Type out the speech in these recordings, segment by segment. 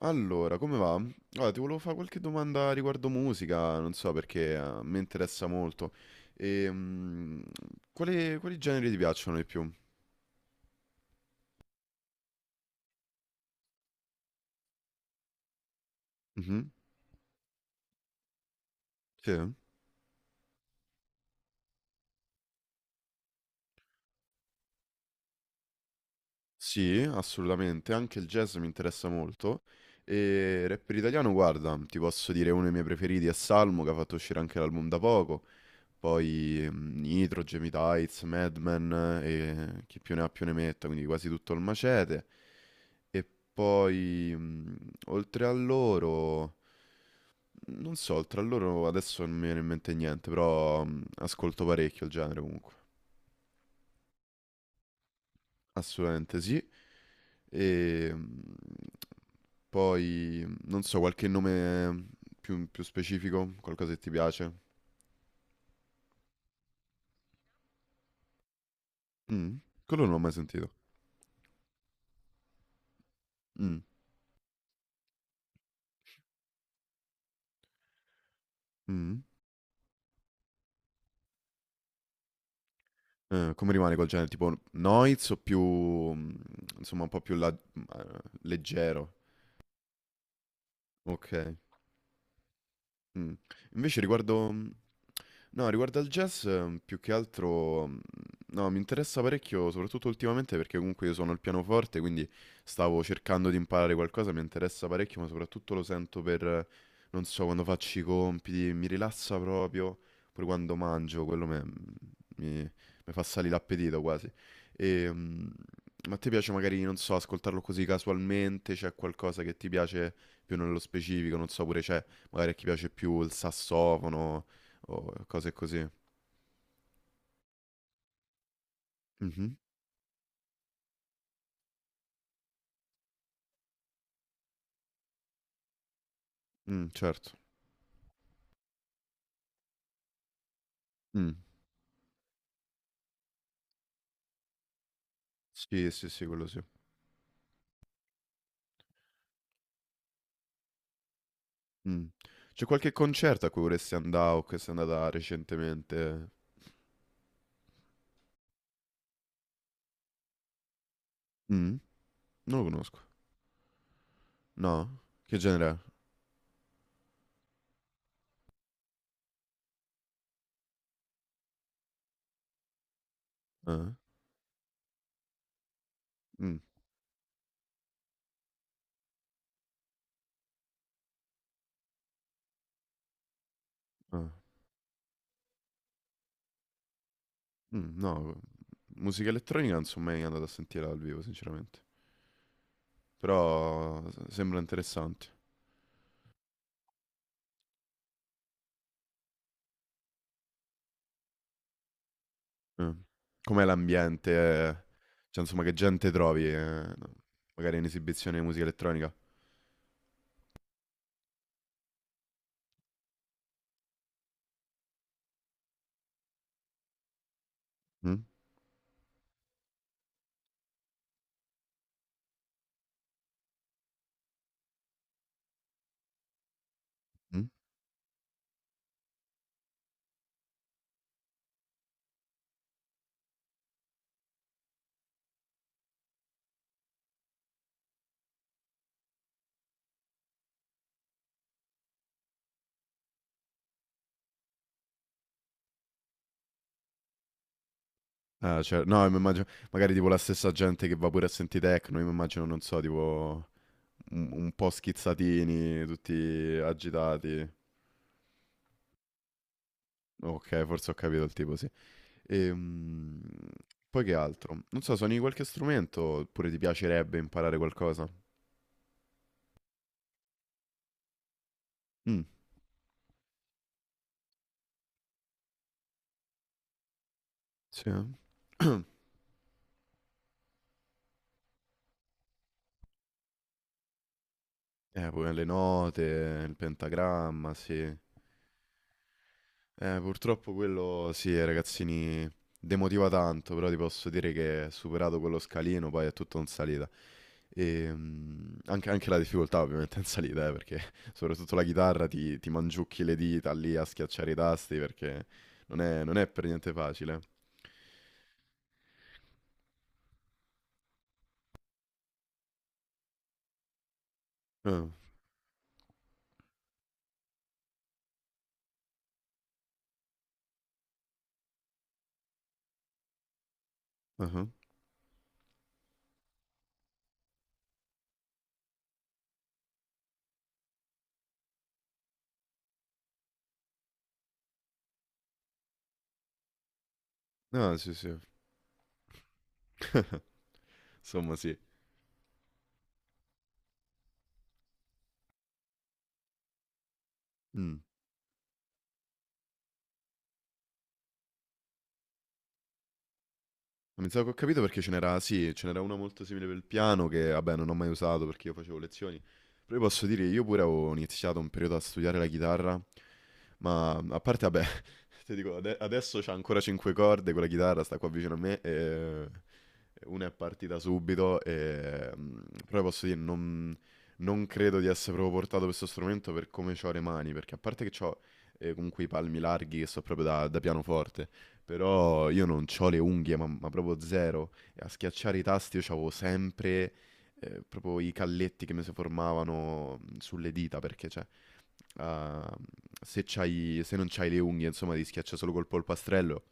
Allora, come va? Guarda, ti volevo fare qualche domanda riguardo musica, non so perché mi interessa molto. E, mm, quali generi ti piacciono di più? Mhm. Sì. Sì, assolutamente, anche il jazz mi interessa molto. E rapper italiano, guarda, ti posso dire uno dei miei preferiti è Salmo, che ha fatto uscire anche l'album da poco. Poi Nitro, Jamie Tights, Madman, e chi più ne ha più ne metta, quindi quasi tutto il macete. E poi, mh, oltre a loro, non so, oltre a loro adesso non mi viene in mente niente, però ascolto parecchio il genere comunque. Assolutamente sì. E mh, non so, qualche nome più specifico, qualcosa che ti piace? Mm, quello non l'ho mai sentito. Mm. Mm. Come rimane col genere? Tipo noise o più, mm, insomma, un po' più leggero? Ok. Mm. Invece riguardo, mm, No, Riguardo al jazz, più che altro, mm, no, mi interessa parecchio, soprattutto ultimamente perché comunque io suono il pianoforte, quindi stavo cercando di imparare qualcosa, mi interessa parecchio, ma soprattutto lo sento per, non so, quando faccio i compiti, mi rilassa proprio, pure quando mangio, quello me- mm, mi, mi fa salire l'appetito quasi. E, mm, ma a te piace magari, non so, ascoltarlo così casualmente, c'è qualcosa che ti piace più nello specifico, non so, pure c'è, magari a chi piace più il sassofono o cose così. Mhm. Mm, certo. Mm. Sì, sì, sì, quello sì. Mm. C'è qualche concerto a cui vorresti andare o che sei andata recentemente? Mm? Non lo conosco. No? Che genere è? Eh? Mm. Ah. Mm. No, musica elettronica non sono mai andato a sentire dal vivo, sinceramente. Però sembra interessante. Eh. Com'è l'ambiente? Cioè, insomma, che gente trovi, magari in esibizione di musica elettronica? Mm? Mm? Ah, cioè, no, mi immagino, magari tipo la stessa gente che va pure a sentire techno, io mi immagino, non so, tipo un po' schizzatini, tutti agitati. Ok, forse ho capito il tipo, sì. Ehm, poi che altro? Non so, suoni qualche strumento oppure ti piacerebbe imparare qualcosa? Mm, sì. Eh. Poi le note, il pentagramma, sì. Purtroppo quello, sì, ragazzini, demotiva tanto, però ti posso dire che superato quello scalino, poi è tutto in salita. Anche la difficoltà ovviamente in salita, perché soprattutto la chitarra ti mangiucchi le dita lì a schiacciare i tasti perché non è per niente facile. Ah, ah, ah. Ah, sì, sì. Insomma, sì. Mm. Ma mi sa che ho capito perché ce n'era, sì, ce n'era una molto simile per il piano che, vabbè, non ho mai usato perché io facevo lezioni. Però io posso dire che io pure avevo iniziato un periodo a studiare la chitarra, ma a parte, vabbè, ti dico, adesso c'ha ancora cinque corde, quella chitarra sta qua vicino a me e una è partita subito e... mm. Però posso dire, non credo di essere proprio portato per questo strumento per come ho le mani, perché a parte che ho comunque i palmi larghi che so proprio da pianoforte, però io non ho le unghie, ma proprio zero. E a schiacciare i tasti io avevo sempre proprio i calletti che mi si formavano sulle dita, perché cioè, ah, se c'hai, se non c'hai le unghie, insomma, ti schiaccia solo col polpastrello.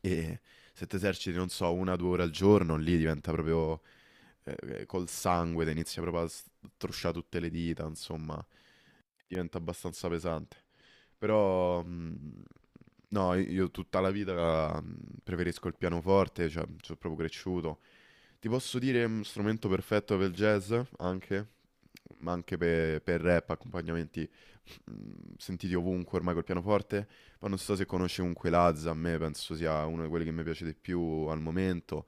E se ti eserciti, non so, una o due ore al giorno, lì diventa proprio eh, col sangue, te inizia proprio a strusciare tutte le dita, insomma, diventa abbastanza pesante. Però, mh, no, io tutta la vita preferisco il pianoforte, cioè, sono proprio cresciuto, ti posso dire un strumento perfetto per il jazz, anche, ma anche per rap, accompagnamenti mm, sentiti ovunque ormai col pianoforte. Poi non so se conosci comunque Lazza, a me penso sia uno di quelli che mi piace di più al momento.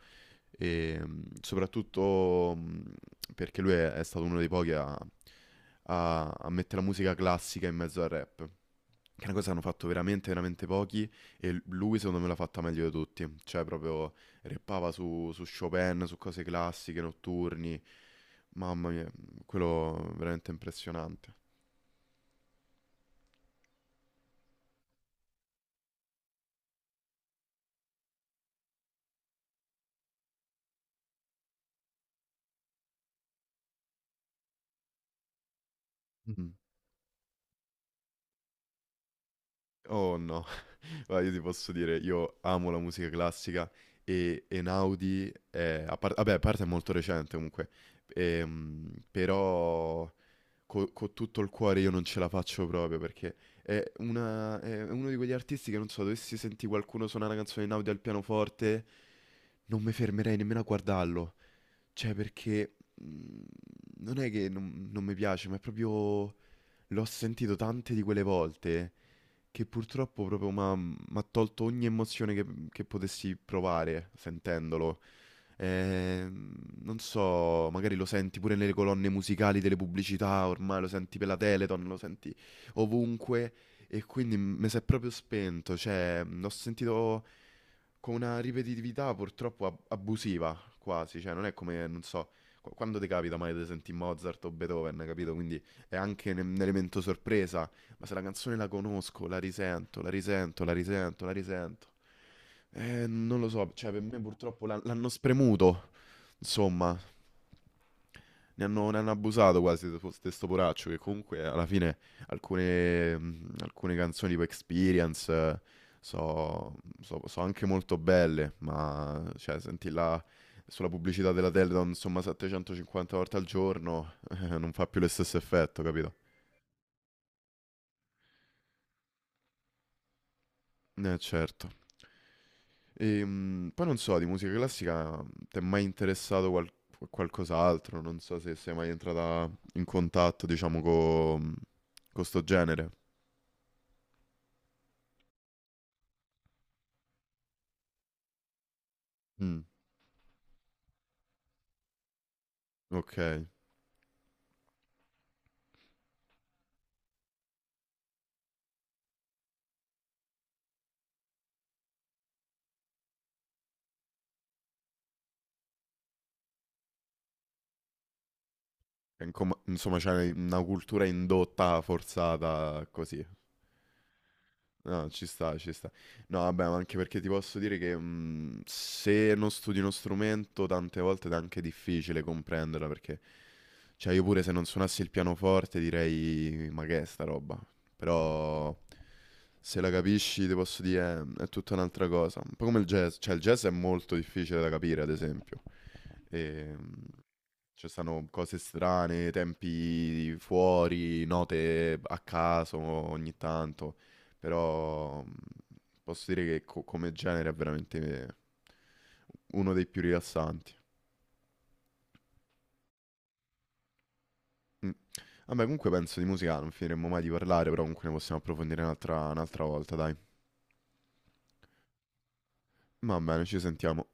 E mm, soprattutto mm, perché è stato uno dei pochi a, a mettere la musica classica in mezzo al rap. Che è una cosa che hanno fatto veramente, veramente pochi. E lui, secondo me, l'ha fatta meglio di tutti. Cioè, proprio rappava su Chopin, su cose classiche, notturni. Mamma mia, quello veramente impressionante. Mm. Oh no, guarda, io ti posso dire, io amo la musica classica e Einaudi è, vabbè, a parte è molto recente comunque, però con tutto il cuore io non ce la faccio proprio perché è uno di quegli artisti che non so, dovessi sentire qualcuno suonare una canzone in audio al pianoforte, non mi fermerei nemmeno a guardarlo. Cioè, perché mm, non è che non mi piace, ma è proprio l'ho sentito tante di quelle volte che purtroppo proprio mi ha tolto ogni emozione che potessi provare sentendolo. Ehm, non so, magari lo senti pure nelle colonne musicali delle pubblicità, ormai lo senti per la Teleton, lo senti ovunque e quindi mi si è proprio spento, cioè l'ho sentito con una ripetitività purtroppo abusiva quasi, cioè non è come, non so, quando ti capita mai di sentire Mozart o Beethoven, capito? Quindi è anche un elemento sorpresa, ma se la canzone la conosco, la risento, la risento, la risento, la risento. Non lo so, cioè per me purtroppo l'hanno spremuto. Insomma, ne hanno abusato quasi di questo poraccio che comunque alla fine alcune canzoni tipo Experience, so, so anche molto belle, ma cioè senti là sulla pubblicità della Teledon insomma 750 volte al giorno non fa più lo stesso effetto, capito? Eh certo. Poi non so, di musica classica ti è mai interessato qualcos'altro? Non so se sei mai entrata in contatto, diciamo, con questo genere. Mm, ok. Insomma, c'è una cultura indotta, forzata, così. No, ci sta, ci sta. No, vabbè, ma anche perché ti posso dire che se non studi uno strumento, tante volte è anche difficile comprenderla, perché, cioè, io pure se non suonassi il pianoforte direi, ma che è sta roba? Però... se la capisci, ti posso dire, è tutta un'altra cosa. Un po' come il jazz, cioè il jazz è molto difficile da capire, ad esempio. E, mm, ci stanno cose strane, tempi fuori, note a caso ogni tanto, però posso dire che come genere è veramente uno dei più rilassanti. Mm. Vabbè, comunque penso di musica non finiremmo mai di parlare, però comunque ne possiamo approfondire un'altra volta, dai. Va bene, ci sentiamo.